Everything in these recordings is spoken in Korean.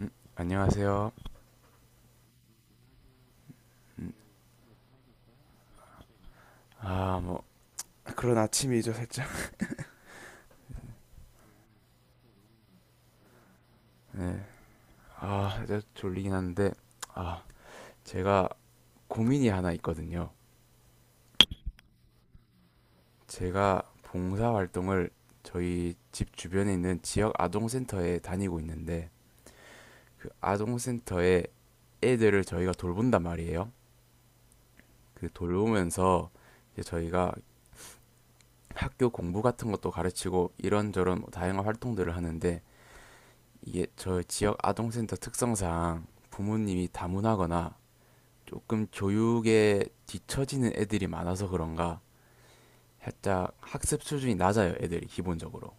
안녕하세요. 음, 뭐, 그런 아침이죠, 살짝. 네. 이제 졸리긴 한데, 아, 제가 고민이 하나 있거든요. 제가 봉사활동을 저희 집 주변에 있는 지역 아동센터에 다니고 있는데, 그 아동센터에 애들을 저희가 돌본단 말이에요. 그 돌보면서 이제 저희가 학교 공부 같은 것도 가르치고 이런저런 다양한 활동들을 하는데, 이게 저 지역 아동센터 특성상 부모님이 다문화거나 조금 교육에 뒤처지는 애들이 많아서 그런가 살짝 학습 수준이 낮아요, 애들이 기본적으로.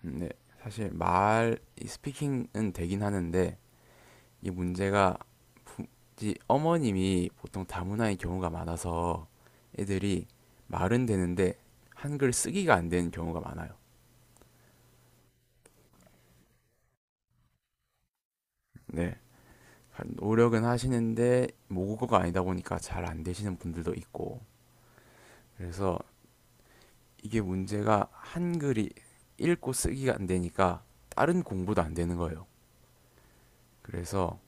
근데 사실 말이 스피킹은 되긴 하는데 이 문제가 부- 이 어머님이 보통 다문화인 경우가 많아서 애들이 말은 되는데 한글 쓰기가 안 되는 경우가 많아요. 네. 노력은 하시는데 모국어가 아니다 보니까 잘 안 되시는 분들도 있고, 그래서 이게 문제가 한글이 읽고 쓰기가 안 되니까 다른 공부도 안 되는 거예요. 그래서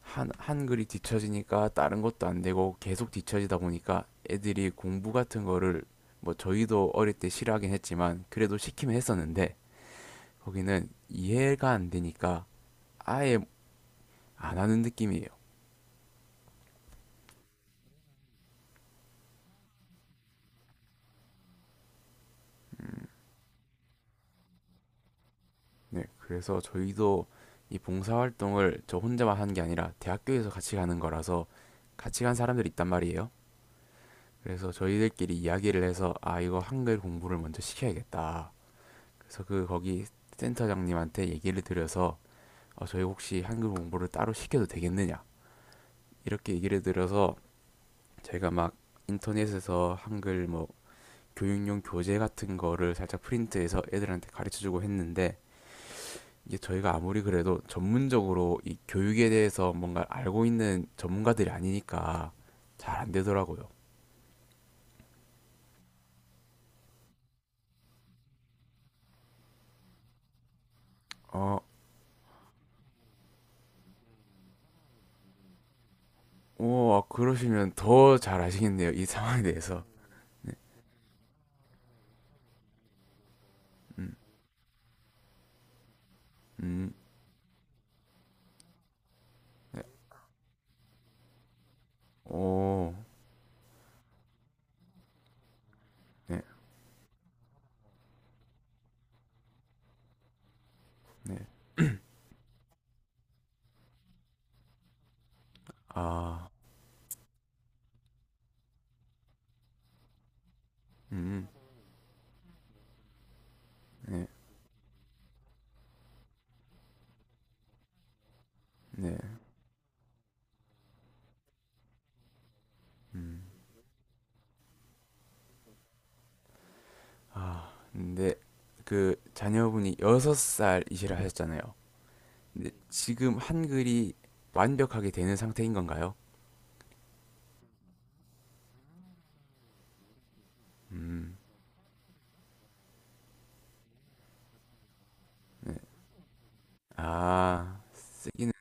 한글이 뒤처지니까 다른 것도 안 되고 계속 뒤처지다 보니까 애들이 공부 같은 거를, 뭐 저희도 어릴 때 싫어하긴 했지만 그래도 시키면 했었는데 거기는 이해가 안 되니까 아예 안 하는 느낌이에요. 네, 그래서 저희도 이 봉사활동을 저 혼자만 하는 게 아니라 대학교에서 같이 가는 거라서 같이 간 사람들이 있단 말이에요. 그래서 저희들끼리 이야기를 해서, 아, 이거 한글 공부를 먼저 시켜야겠다. 그래서 그 거기 센터장님한테 얘기를 드려서, 저희 혹시 한글 공부를 따로 시켜도 되겠느냐 이렇게 얘기를 드려서, 제가 막 인터넷에서 한글 뭐 교육용 교재 같은 거를 살짝 프린트해서 애들한테 가르쳐주고 했는데, 이게 저희가 아무리 그래도 전문적으로 이 교육에 대해서 뭔가 알고 있는 전문가들이 아니니까 잘 안 되더라고요. 어, 오, 아, 그러시면 더 잘 아시겠네요. 이 상황에 대해서. 음, 음, 네. 오, 네, 네. 아, 음, 네, 네, 음. 아, 근데 그 자녀분이 여섯 살이시라 하셨잖아요. 근데 지금 한글이 완벽하게 되는 상태인 건가요? 음, 네. 아, 쓰기는,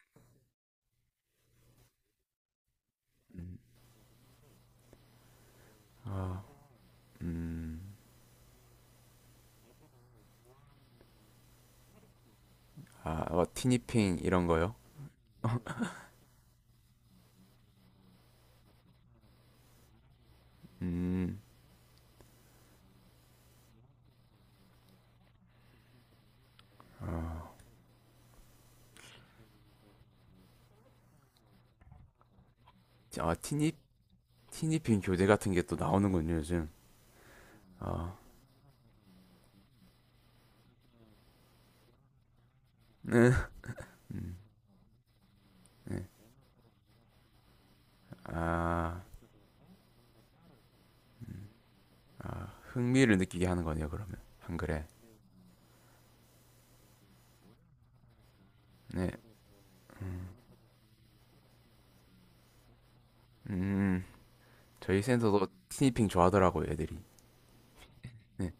음, 아, 음, 아, 어, 티니핑 이런 거요? 음, 아, 아, 티니핑 교대 같은 게 또 나오는군요, 요즘. 아, 네. 음, 네. 아, 흥미를 느끼게 하는 거네요, 그러면 한글에. 네. 음 저희 센터도 티니핑 좋아하더라고요, 애들이. 네.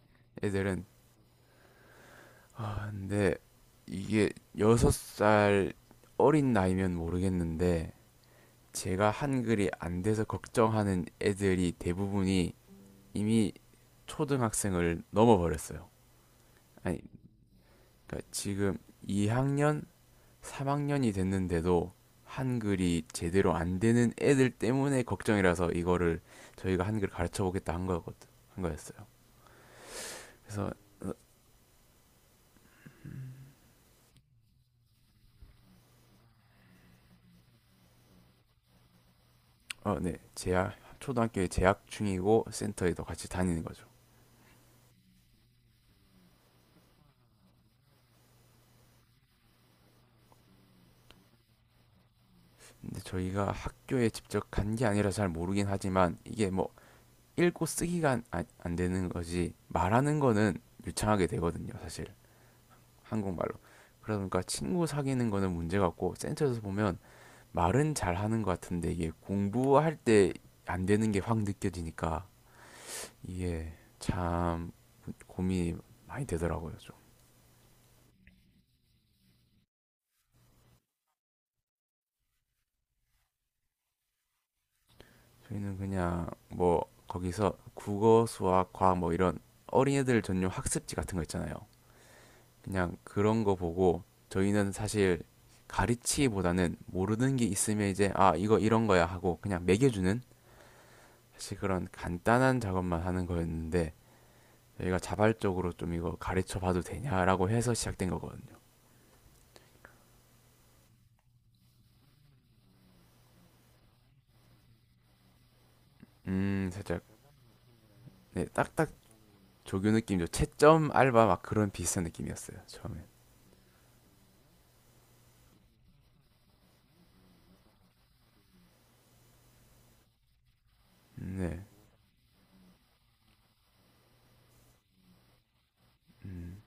애들은. 근데 이게 여섯 살 어린 나이면 모르겠는데, 제가 한글이 안 돼서 걱정하는 애들이 대부분이 이미 초등학생을 넘어버렸어요. 아니, 그러니까 지금 2학년 3학년이 됐는데도 한글이 제대로 안 되는 애들 때문에 걱정이라서 이거를 저희가 한글 가르쳐 보겠다 한 거였거든. 한 거였어요. 그래서. 어, 네. 재학 초등학교에 재학 중이고 센터에도 같이 다니는 거죠. 근데 저희가 학교에 직접 간 게 아니라 잘 모르긴 하지만 이게 뭐 읽고 쓰기가 안 되는 거지, 말하는 거는 유창하게 되거든요, 사실. 한국말로. 그러니까 친구 사귀는 거는 문제 같고, 센터에서 보면 말은 잘하는 것 같은데 이게 공부할 때 안 되는 게 확 느껴지니까 이게 참 고민이 많이 되더라고요, 좀. 저희는 그냥 뭐 거기서 국어 수학 과학 뭐 이런 어린애들 전용 학습지 같은 거 있잖아요. 그냥 그런 거 보고 저희는 사실 가르치기보다는 모르는 게 있으면 이제 아, 이거 이런 거야 하고 그냥 매겨주는, 사실 그런 간단한 작업만 하는 거였는데 저희가 자발적으로 좀 이거 가르쳐 봐도 되냐라고 해서 시작된 거거든요. 살짝. 네, 딱딱 조교 느낌이죠. 채점 알바 막 그런 비슷한 느낌이었어요, 처음엔. 네, 음,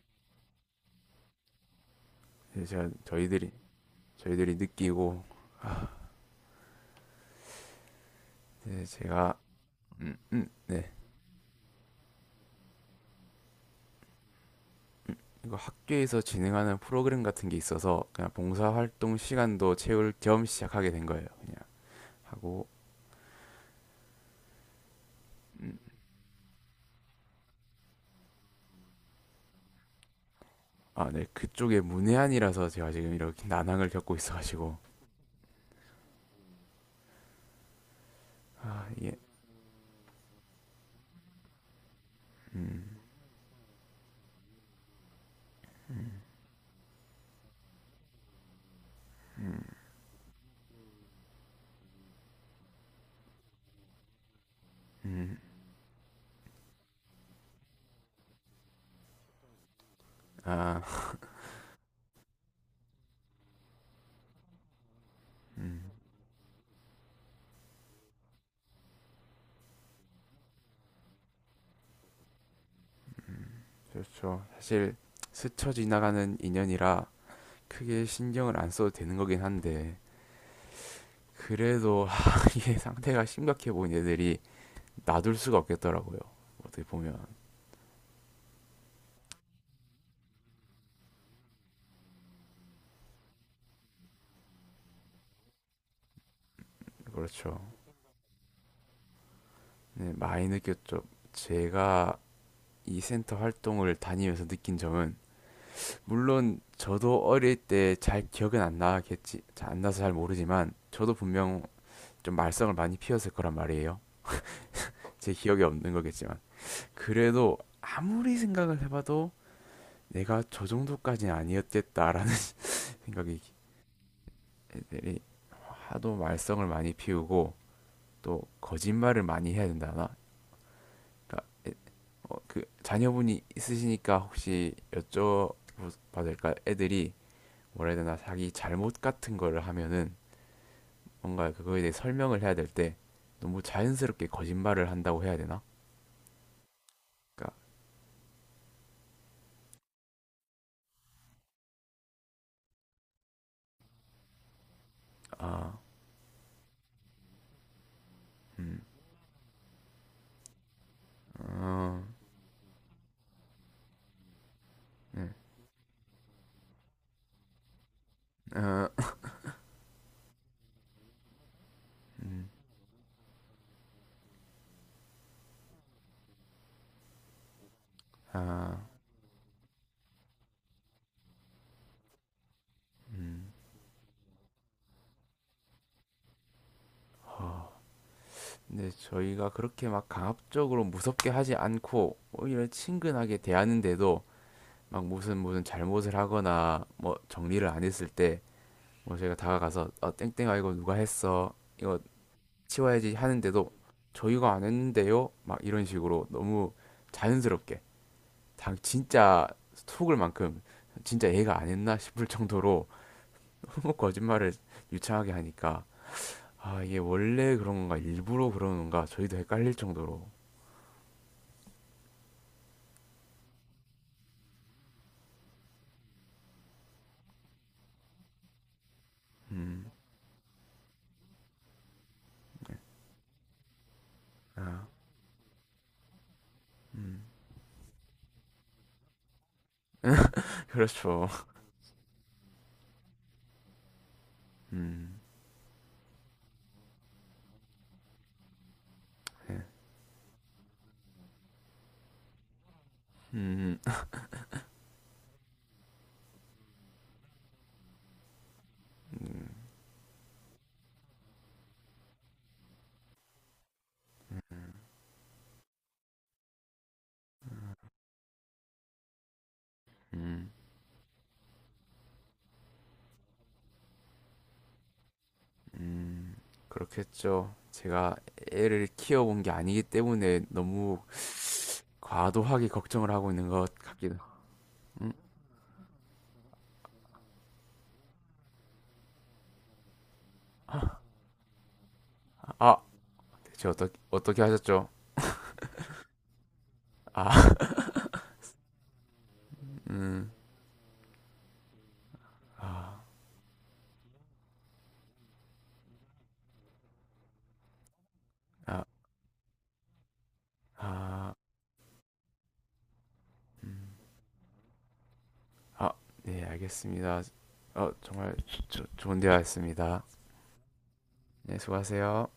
네, 제가 저희들이 느끼고, 네, 제가, 네. 이거 학교에서 진행하는 프로그램 같은 게 있어서 그냥 봉사활동 시간도 채울 겸 시작하게 된 거예요. 그냥 하고. 아, 네, 그쪽에 문외한이라서 제가 지금 이렇게 난항을 겪고 있어가지고. 아, 이게, 음, 음, 음, 아, 음, 음. 그렇죠. 사실 스쳐 지나가는 인연이라 크게 신경을 안 써도 되는 거긴 한데, 그래도 하, 이게 상태가 심각해 보인 애들이 놔둘 수가 없겠더라고요. 어떻게 보면. 그렇죠. 네, 많이 느꼈죠. 제가 이 센터 활동을 다니면서 느낀 점은, 물론 저도 어릴 때 잘 기억은 안 나겠지, 안 나서 잘 모르지만 저도 분명 좀 말썽을 많이 피웠을 거란 말이에요. 제 기억이 없는 거겠지만. 그래도 아무리 생각을 해봐도 내가 저 정도까지는 아니었겠다라는 생각이. 애들이 하도 말썽을 많이 피우고 또 거짓말을 많이 해야 된다나? 그러니까 그 자녀분이 있으시니까 혹시 여쭤봐도 될까? 애들이, 뭐라 해야 되나, 자기 잘못 같은 거를 하면은 뭔가 그거에 대해 설명을 해야 될 때 너무 자연스럽게 거짓말을 한다고 해야 되나? 그러니까. 아, 음, 어, 네, 어, 음, 아, 음. 아, 근데 저희가 그렇게 막 강압적으로 무섭게 하지 않고 오히려 친근하게 대하는데도 막 무슨 무슨 잘못을 하거나 뭐 정리를 안 했을 때, 뭐 저희가 다가가서, 어, 땡땡아 이거 누가 했어, 이거 치워야지 하는데도 저희가 안 했는데요, 막 이런 식으로 너무 자연스럽게 당 진짜 속을 만큼, 진짜 얘가 안 했나 싶을 정도로 너무 거짓말을 유창하게 하니까 아, 이게 원래 그런 건가 일부러 그런 건가 저희도 헷갈릴 정도로. 음, 아, 음. 그렇죠. 음, 예. 음, 음, 음, 음, 음, 음, 음, 음, 음, 음, 음. 그렇겠죠. 제가 애를 키워본 게 아니기 때문에 너무 과도하게 걱정을 하고 있는 것 같기도. 음, 아, 대체 어떻게 하셨죠? 아, 음, 아, 아, 음, 아, 네, 알겠습니다. 정말 좋은 대화였습니다. 네, 수고하세요.